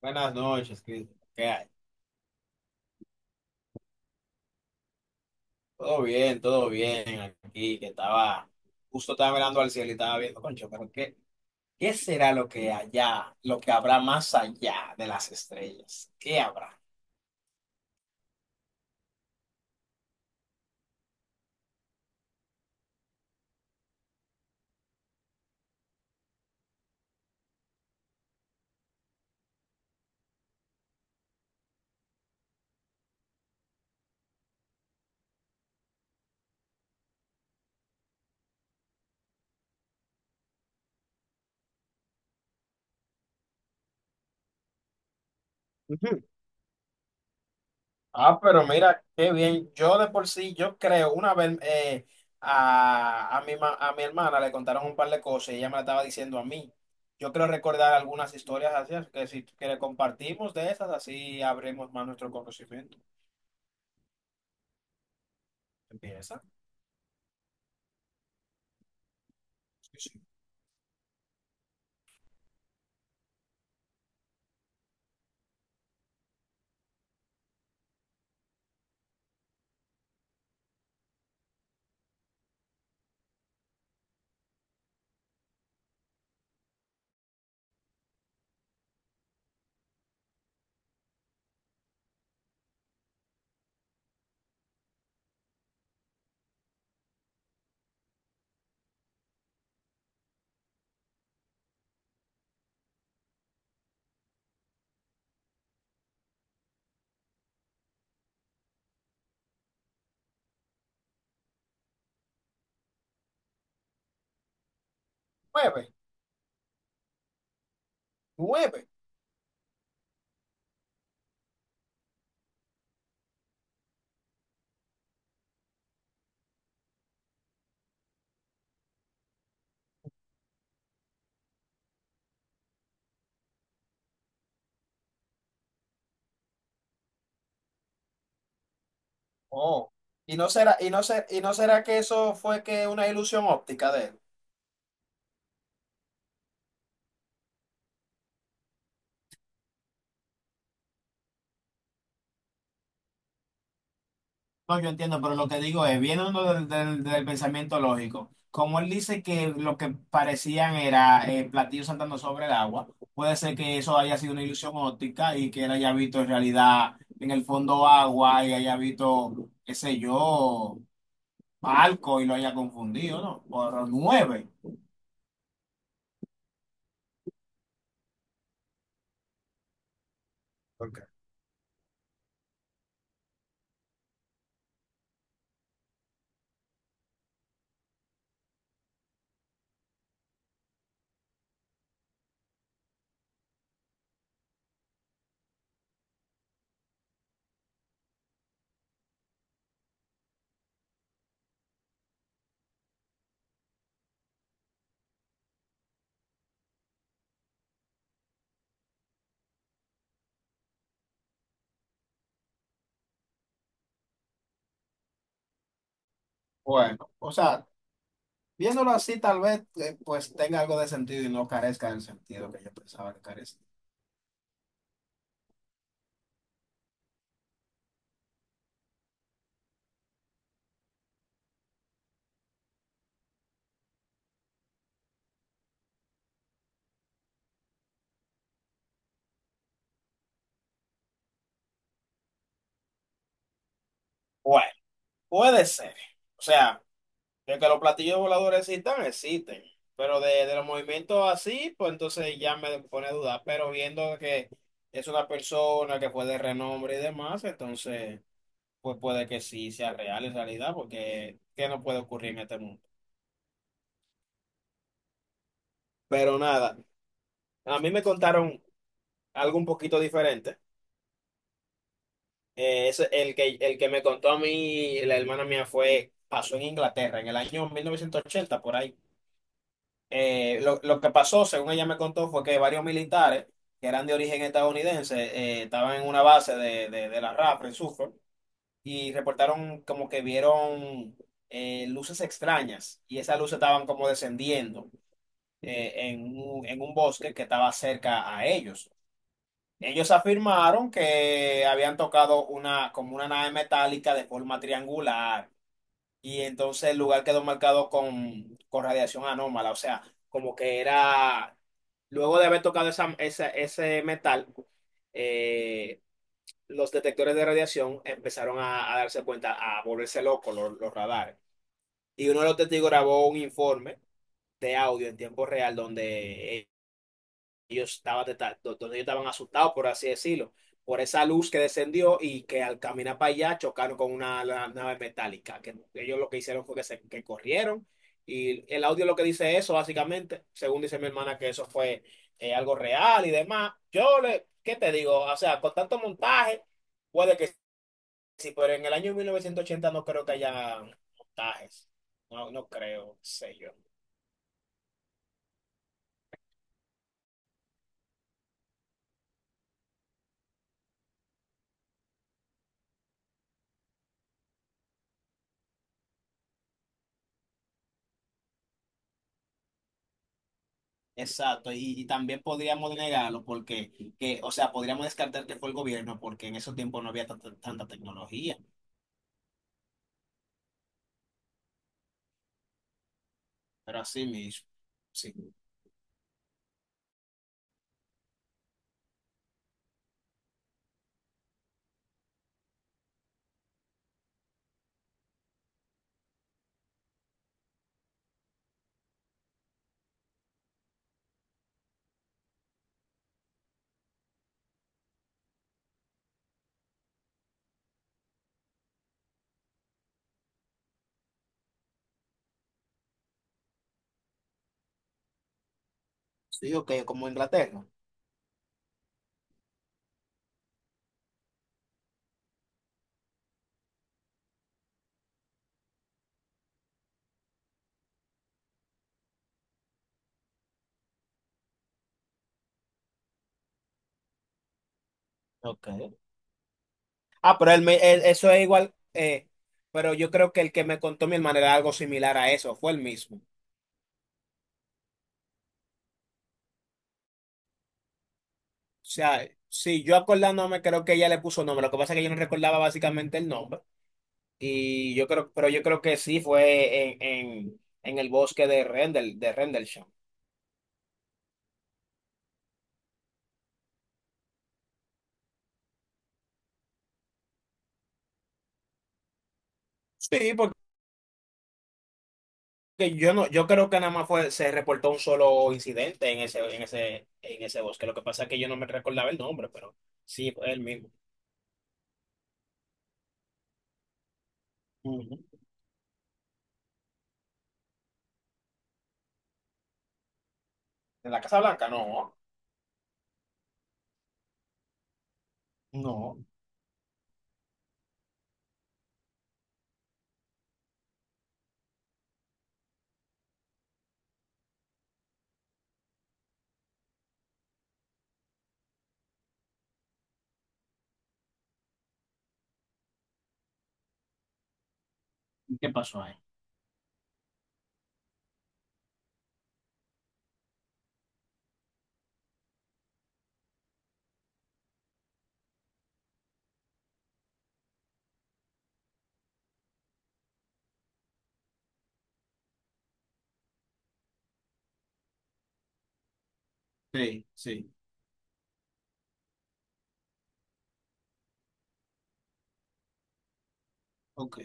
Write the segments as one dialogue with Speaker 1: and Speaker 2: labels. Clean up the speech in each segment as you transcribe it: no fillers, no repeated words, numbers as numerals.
Speaker 1: Buenas noches, Cristo. ¿Qué hay? Todo bien aquí, que estaba, justo estaba mirando al cielo y estaba viendo, concho, pero ¿qué será lo que allá, lo que habrá más allá de las estrellas? ¿Qué habrá? Ujú. Ah, pero mira, qué bien. Yo de por sí, yo creo, una vez a mi hermana le contaron un par de cosas y ella me la estaba diciendo a mí. Yo creo recordar algunas historias así, así que si que le compartimos de esas, así abrimos más nuestro conocimiento. Empieza. Sí, sí. Nueve, nueve. Oh. Y no será que eso fue que una ilusión óptica de él. No, yo entiendo, pero lo que digo es, viene uno del pensamiento lógico. Como él dice que lo que parecían era platillos saltando sobre el agua, puede ser que eso haya sido una ilusión óptica y que él haya visto en realidad en el fondo agua y haya visto, qué sé yo, barco y lo haya confundido, ¿no? Por nueve. Ok. Bueno, o sea. Viéndolo así, tal vez pues tenga algo de sentido y no carezca del sentido que yo pensaba que carecía. Bueno, puede ser. O sea, de que los platillos voladores existan, existen. Pero de los movimientos así, pues entonces ya me pone a dudar. Pero viendo que es una persona que fue de renombre y demás, entonces pues puede que sí sea real en realidad, porque ¿qué no puede ocurrir en este mundo? Pero nada, a mí me contaron algo un poquito diferente. El que me contó a mí, la hermana mía, fue, pasó en Inglaterra en el año 1980, por ahí. Lo que pasó, según ella me contó, fue que varios militares que eran de origen estadounidense estaban en una base de la RAF en Suffolk y reportaron como que vieron luces extrañas y esas luces estaban como descendiendo en un bosque que estaba cerca a ellos. Ellos afirmaron que habían tocado una, como una nave metálica de forma triangular y entonces el lugar quedó marcado con radiación anómala, o sea, como que era, luego de haber tocado ese metal, eh, los detectores de radiación empezaron a darse cuenta, a volverse locos los radares. Y uno de los testigos grabó un informe de audio en tiempo real donde ellos estaban, deta- do- donde ellos estaban asustados, por así decirlo, por esa luz que descendió y que al caminar para allá chocaron con una nave metálica, que ellos lo que hicieron fue que corrieron y el audio lo que dice eso, básicamente, según dice mi hermana, que eso fue algo real y demás. Yo le, ¿qué te digo? O sea, con tanto montaje, puede que sí, pero en el año 1980 no creo que haya montajes, no, no creo, qué sé yo. Exacto, y también podríamos negarlo porque, que, o sea, podríamos descartar que fue el gobierno porque en esos tiempos no había tanta tecnología, pero así mismo, sí. Sí, ok, como Inglaterra. Ok. Ah, pero eso es igual, pero yo creo que el que me contó mi hermana era algo similar a eso, fue el mismo. O sea, sí, yo acordándome creo que ella le puso nombre, lo que pasa es que yo no recordaba básicamente el nombre, y yo creo, pero yo creo que sí fue en el bosque de Rendel, de Rendlesham. Sí, porque que yo no, yo creo que nada más fue, se reportó un solo incidente en en ese bosque. Lo que pasa es que yo no me recordaba el nombre, pero sí, fue el mismo. Ujú. ¿En la Casa Blanca? No, no. ¿Y qué pasó ahí? Sí, sí. Ok.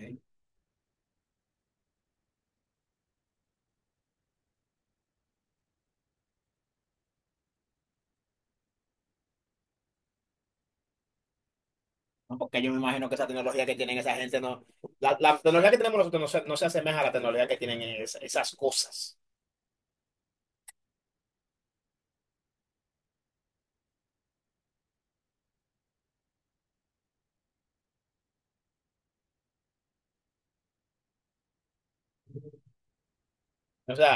Speaker 1: No, porque yo me imagino que esa tecnología que tienen esa gente no, la tecnología que tenemos nosotros no se, no se asemeja a la tecnología que tienen esas cosas. O sea,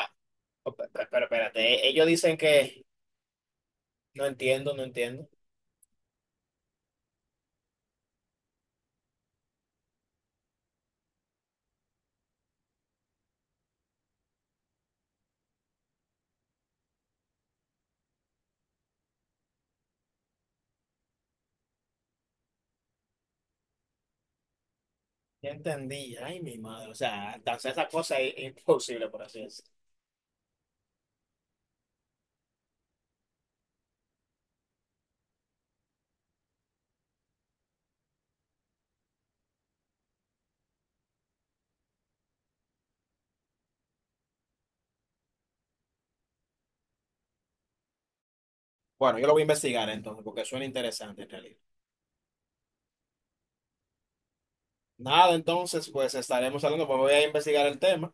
Speaker 1: pero espérate, ellos dicen que no entiendo, no entiendo. Ya entendí. Ay, mi madre. O sea, entonces esa cosa es imposible, por así decirlo. Bueno, yo lo voy a investigar entonces, porque suena interesante en realidad. Nada, entonces, pues estaremos hablando, pues voy a investigar el tema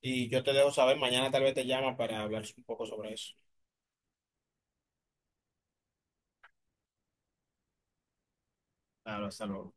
Speaker 1: y yo te dejo saber. Mañana tal vez te llama para hablar un poco sobre eso. Claro, hasta luego.